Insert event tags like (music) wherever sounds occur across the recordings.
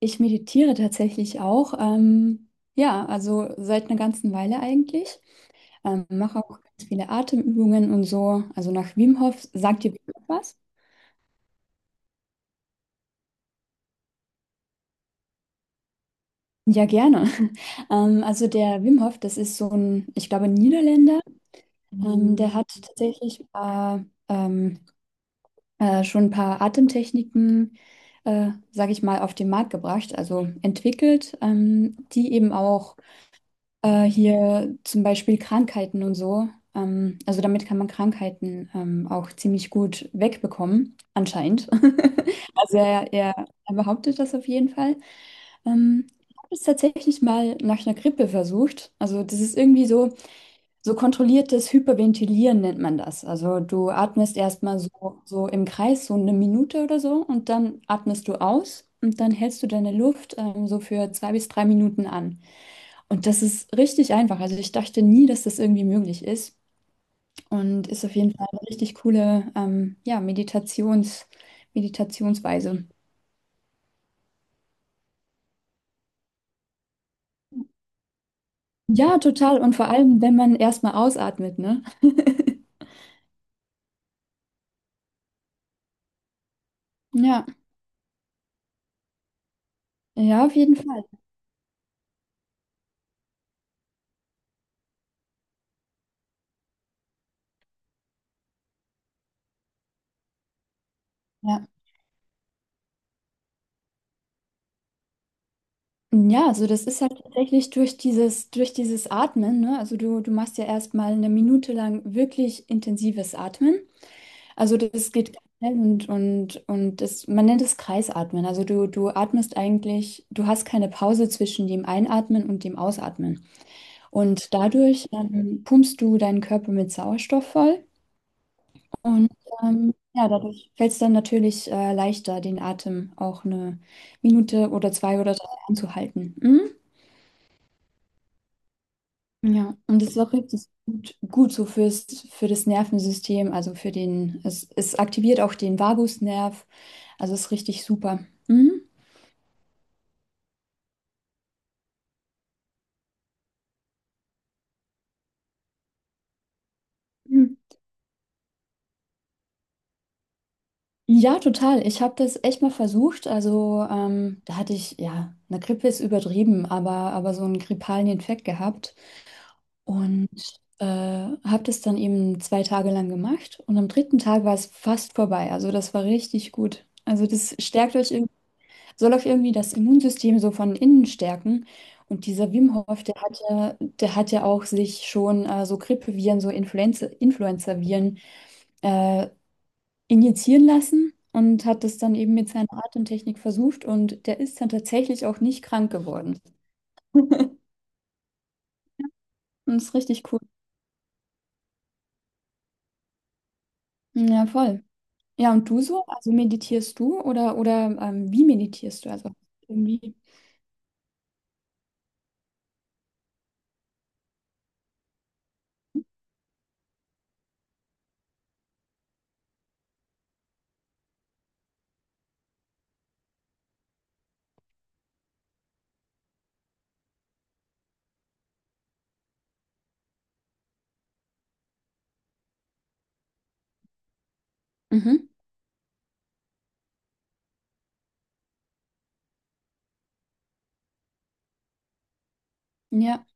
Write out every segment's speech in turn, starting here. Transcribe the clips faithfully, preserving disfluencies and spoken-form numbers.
Ich meditiere tatsächlich auch. Ähm, ja, also seit einer ganzen Weile eigentlich. Ähm, mache auch ganz viele Atemübungen und so. Also nach Wim Hof, sagt ihr was? Ja, gerne. (laughs) Ähm, also der Wim Hof, das ist so ein, ich glaube, ein Niederländer. Ähm, der hat tatsächlich äh, ähm, äh, schon ein paar Atemtechniken, äh, sage ich mal, auf den Markt gebracht, also entwickelt, ähm, die eben auch äh, hier zum Beispiel Krankheiten und so. Ähm, also damit kann man Krankheiten ähm, auch ziemlich gut wegbekommen, anscheinend. (laughs) Also er, er, er behauptet das auf jeden Fall. Ähm, ich habe es tatsächlich mal nach einer Grippe versucht. Also das ist irgendwie so, so kontrolliertes Hyperventilieren nennt man das. Also du atmest erstmal so, so im Kreis, so eine Minute oder so, und dann atmest du aus und dann hältst du deine Luft ähm, so für zwei bis drei Minuten an. Und das ist richtig einfach. Also ich dachte nie, dass das irgendwie möglich ist. Und ist auf jeden Fall eine richtig coole, ähm, ja, Meditations, Meditationsweise. Ja, total. Und vor allem, wenn man erstmal ausatmet, ne? (laughs) Ja, ja, auf jeden Fall. Ja. Ja, also das ist halt tatsächlich durch dieses, durch dieses Atmen, ne? Also du, du machst ja erstmal eine Minute lang wirklich intensives Atmen. Also das geht ganz schnell und, und, und das, man nennt es Kreisatmen. Also du, du atmest eigentlich, du hast keine Pause zwischen dem Einatmen und dem Ausatmen. Und dadurch ähm, pumpst du deinen Körper mit Sauerstoff voll und ähm, ja, dadurch fällt es dann natürlich äh, leichter, den Atem auch eine Minute oder zwei oder drei anzuhalten. Mhm. Ja, und das ist auch richtig gut, gut so fürs, für das Nervensystem, also für den, es, es aktiviert auch den Vagusnerv. Also ist richtig super. Mhm. Mhm. Ja, total. Ich habe das echt mal versucht. Also ähm, da hatte ich, ja, eine Grippe ist übertrieben, aber, aber so einen grippalen Infekt gehabt und äh, habe das dann eben zwei Tage lang gemacht und am dritten Tag war es fast vorbei. Also das war richtig gut. Also das stärkt euch, irg- soll euch irgendwie das Immunsystem so von innen stärken. Und dieser Wim Hof, der hat ja, der hat ja auch sich schon äh, so Grippeviren, so Influenza, Influenzaviren äh, injizieren lassen und hat das dann eben mit seiner Atemtechnik versucht und der ist dann tatsächlich auch nicht krank geworden. Und das ist richtig cool. Ja, voll. Ja, und du so? Also meditierst du oder oder ähm, wie meditierst du? Also irgendwie. Mhm. Ja.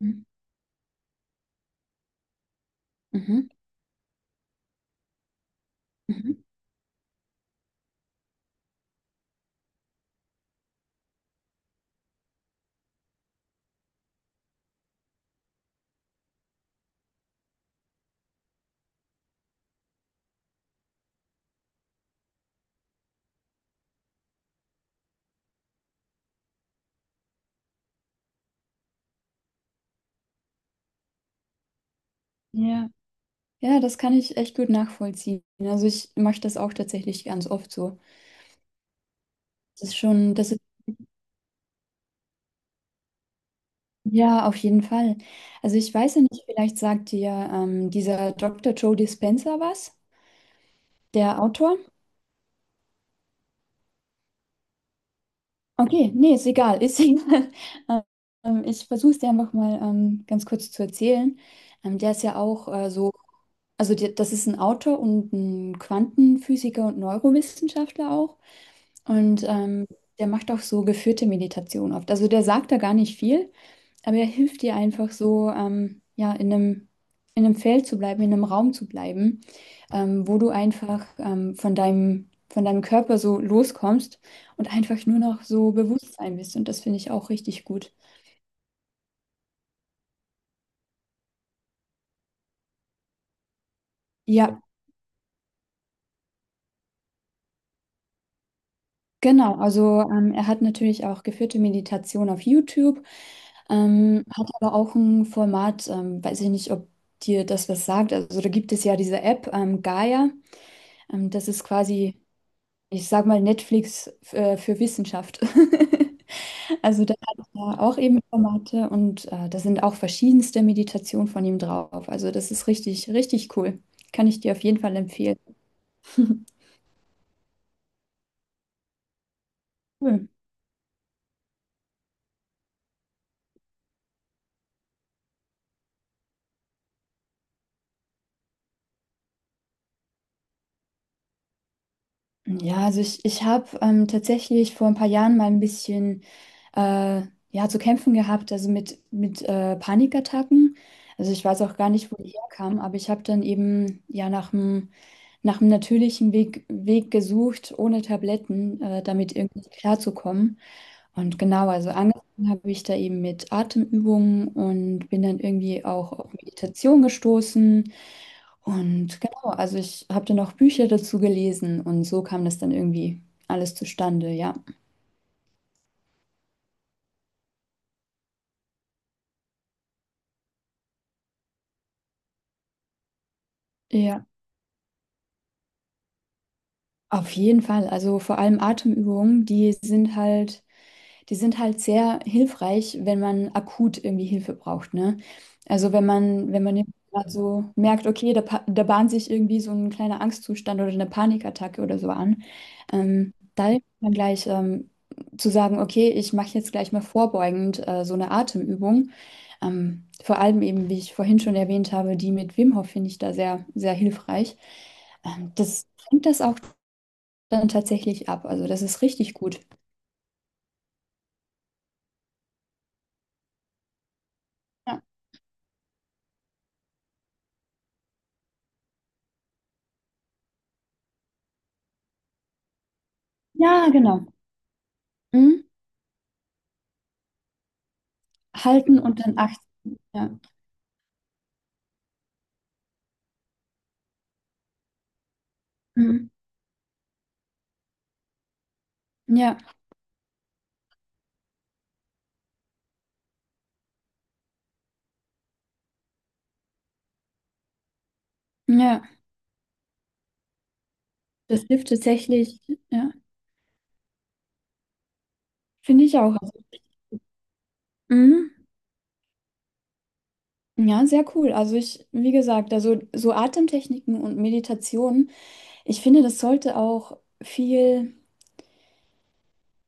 Mhm. Mhm. Mhm. Ja. Ja, das kann ich echt gut nachvollziehen. Also ich mache das auch tatsächlich ganz oft so. Das ist schon, das ist ja auf jeden Fall. Also ich weiß ja nicht, vielleicht sagt dir ähm, dieser Doktor Joe Dispenza was, der Autor. Okay, nee, ist egal, ist (laughs) egal. Ähm, ich versuche es dir einfach mal ähm, ganz kurz zu erzählen. Ähm, der ist ja auch äh, so, also der, das ist ein Autor und ein Quantenphysiker und Neurowissenschaftler auch. Und ähm, der macht auch so geführte Meditation oft. Also der sagt da gar nicht viel, aber er hilft dir einfach so, ähm, ja, in einem, in einem Feld zu bleiben, in einem Raum zu bleiben, ähm, wo du einfach ähm, von deinem, von deinem Körper so loskommst und einfach nur noch so Bewusstsein bist. Und das finde ich auch richtig gut. Ja, genau. Also ähm, er hat natürlich auch geführte Meditation auf YouTube, ähm, hat aber auch ein Format, ähm, weiß ich nicht, ob dir das was sagt. Also da gibt es ja diese App, ähm, Gaia. Ähm, das ist quasi ich sag mal, Netflix äh, für Wissenschaft. (laughs) Also da hat er auch eben Formate und äh, da sind auch verschiedenste Meditationen von ihm drauf. Also das ist richtig, richtig cool. Kann ich dir auf jeden Fall empfehlen. (laughs) Cool. Ja, also ich, ich habe ähm, tatsächlich vor ein paar Jahren mal ein bisschen äh, ja, zu kämpfen gehabt, also mit, mit äh, Panikattacken. Also ich weiß auch gar nicht, wo die herkam, aber ich habe dann eben ja nach einem nach einem natürlichen Weg, Weg gesucht, ohne Tabletten, äh, damit irgendwie klarzukommen. Und genau, also angefangen habe ich da eben mit Atemübungen und bin dann irgendwie auch auf Meditation gestoßen. Und genau, also ich habe dann auch Bücher dazu gelesen und so kam das dann irgendwie alles zustande, ja. Ja, auf jeden Fall. Also vor allem Atemübungen, die sind halt die sind halt sehr hilfreich, wenn man akut irgendwie Hilfe braucht, ne? Also wenn man, wenn man jetzt grad so merkt, okay, da, pa- da bahnt sich irgendwie so ein kleiner Angstzustand oder eine Panikattacke oder so an, ähm, da hilft man gleich ähm, zu sagen, okay, ich mache jetzt gleich mal vorbeugend äh, so eine Atemübung. Ähm, vor allem eben, wie ich vorhin schon erwähnt habe, die mit Wim Hof finde ich da sehr, sehr hilfreich. Ähm, das fängt das auch dann tatsächlich ab. Also das ist richtig gut. Ja, ja genau. Halten und dann achten. Ja, mhm. Ja, ja. Das hilft tatsächlich, ja, finde ich auch. Also, mhm. Ja, sehr cool. Also ich, wie gesagt, also so Atemtechniken und Meditationen, ich finde, das sollte auch viel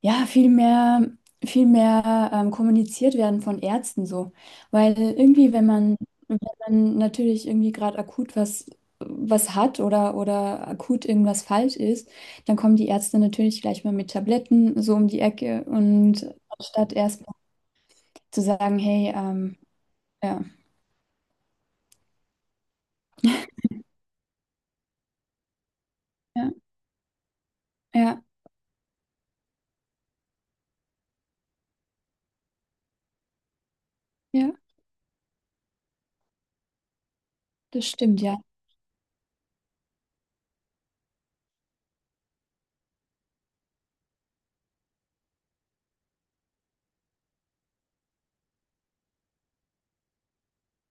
ja, viel mehr, viel mehr ähm, kommuniziert werden von Ärzten so. Weil irgendwie, wenn man, wenn man natürlich irgendwie gerade akut was, was hat oder, oder akut irgendwas falsch ist, dann kommen die Ärzte natürlich gleich mal mit Tabletten so um die Ecke und anstatt erst mal zu sagen, hey, ähm, ja, ja, ja, ja, das stimmt, ja,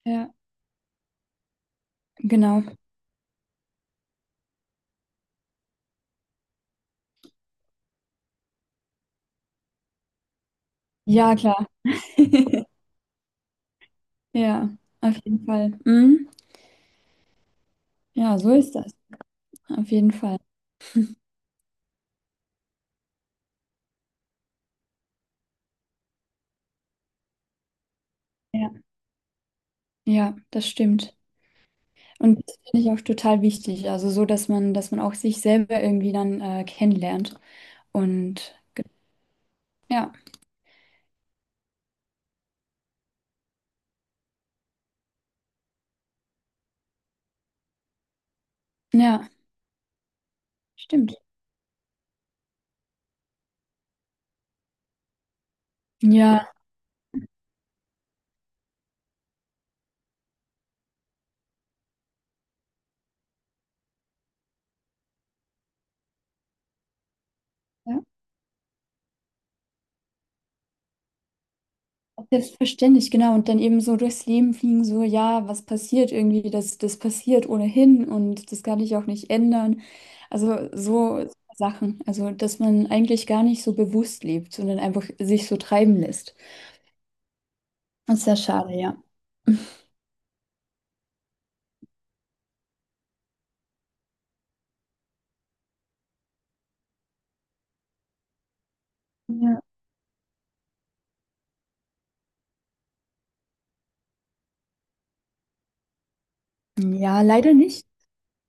ja, genau. Ja, klar, ja, auf jeden Fall. Mhm. Ja, so ist das. Auf jeden Fall. Ja, ja, das stimmt. Und das finde ich auch total wichtig. Also so, dass man, dass man auch sich selber irgendwie dann äh, kennenlernt. Und ja, ja, stimmt. Ja, ja. Selbstverständlich, genau. Und dann eben so durchs Leben fliegen, so, ja, was passiert irgendwie, das, das passiert ohnehin und das kann ich auch nicht ändern. Also so Sachen. Also, dass man eigentlich gar nicht so bewusst lebt, sondern einfach sich so treiben lässt. Das ist ja schade, ja. Ja, ja leider nicht.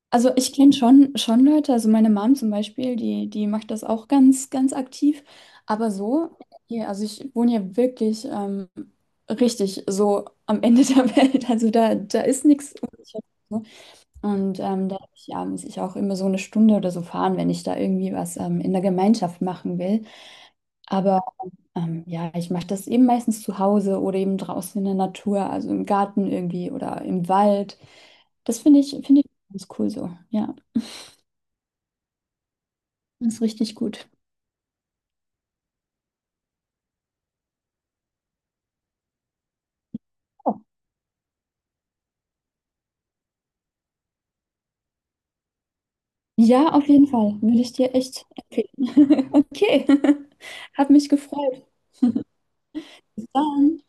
Also ich kenne schon, schon Leute, also meine Mom zum Beispiel, die, die macht das auch ganz, ganz aktiv. Aber so, hier, also ich wohne ja wirklich ähm, richtig so am Ende (laughs) der Welt. Also da, da ist nichts. Und ähm, da ja, muss ich auch immer so eine Stunde oder so fahren, wenn ich da irgendwie was ähm, in der Gemeinschaft machen will. Aber ähm, ja, ich mache das eben meistens zu Hause oder eben draußen in der Natur, also im Garten irgendwie oder im Wald. Das finde ich, finde ich ganz cool so. Ja, das ist richtig gut. Oh. Ja, auf jeden Fall. Würde ich dir echt empfehlen. (laughs) Okay. (laughs) Hat mich gefreut. Bis dann.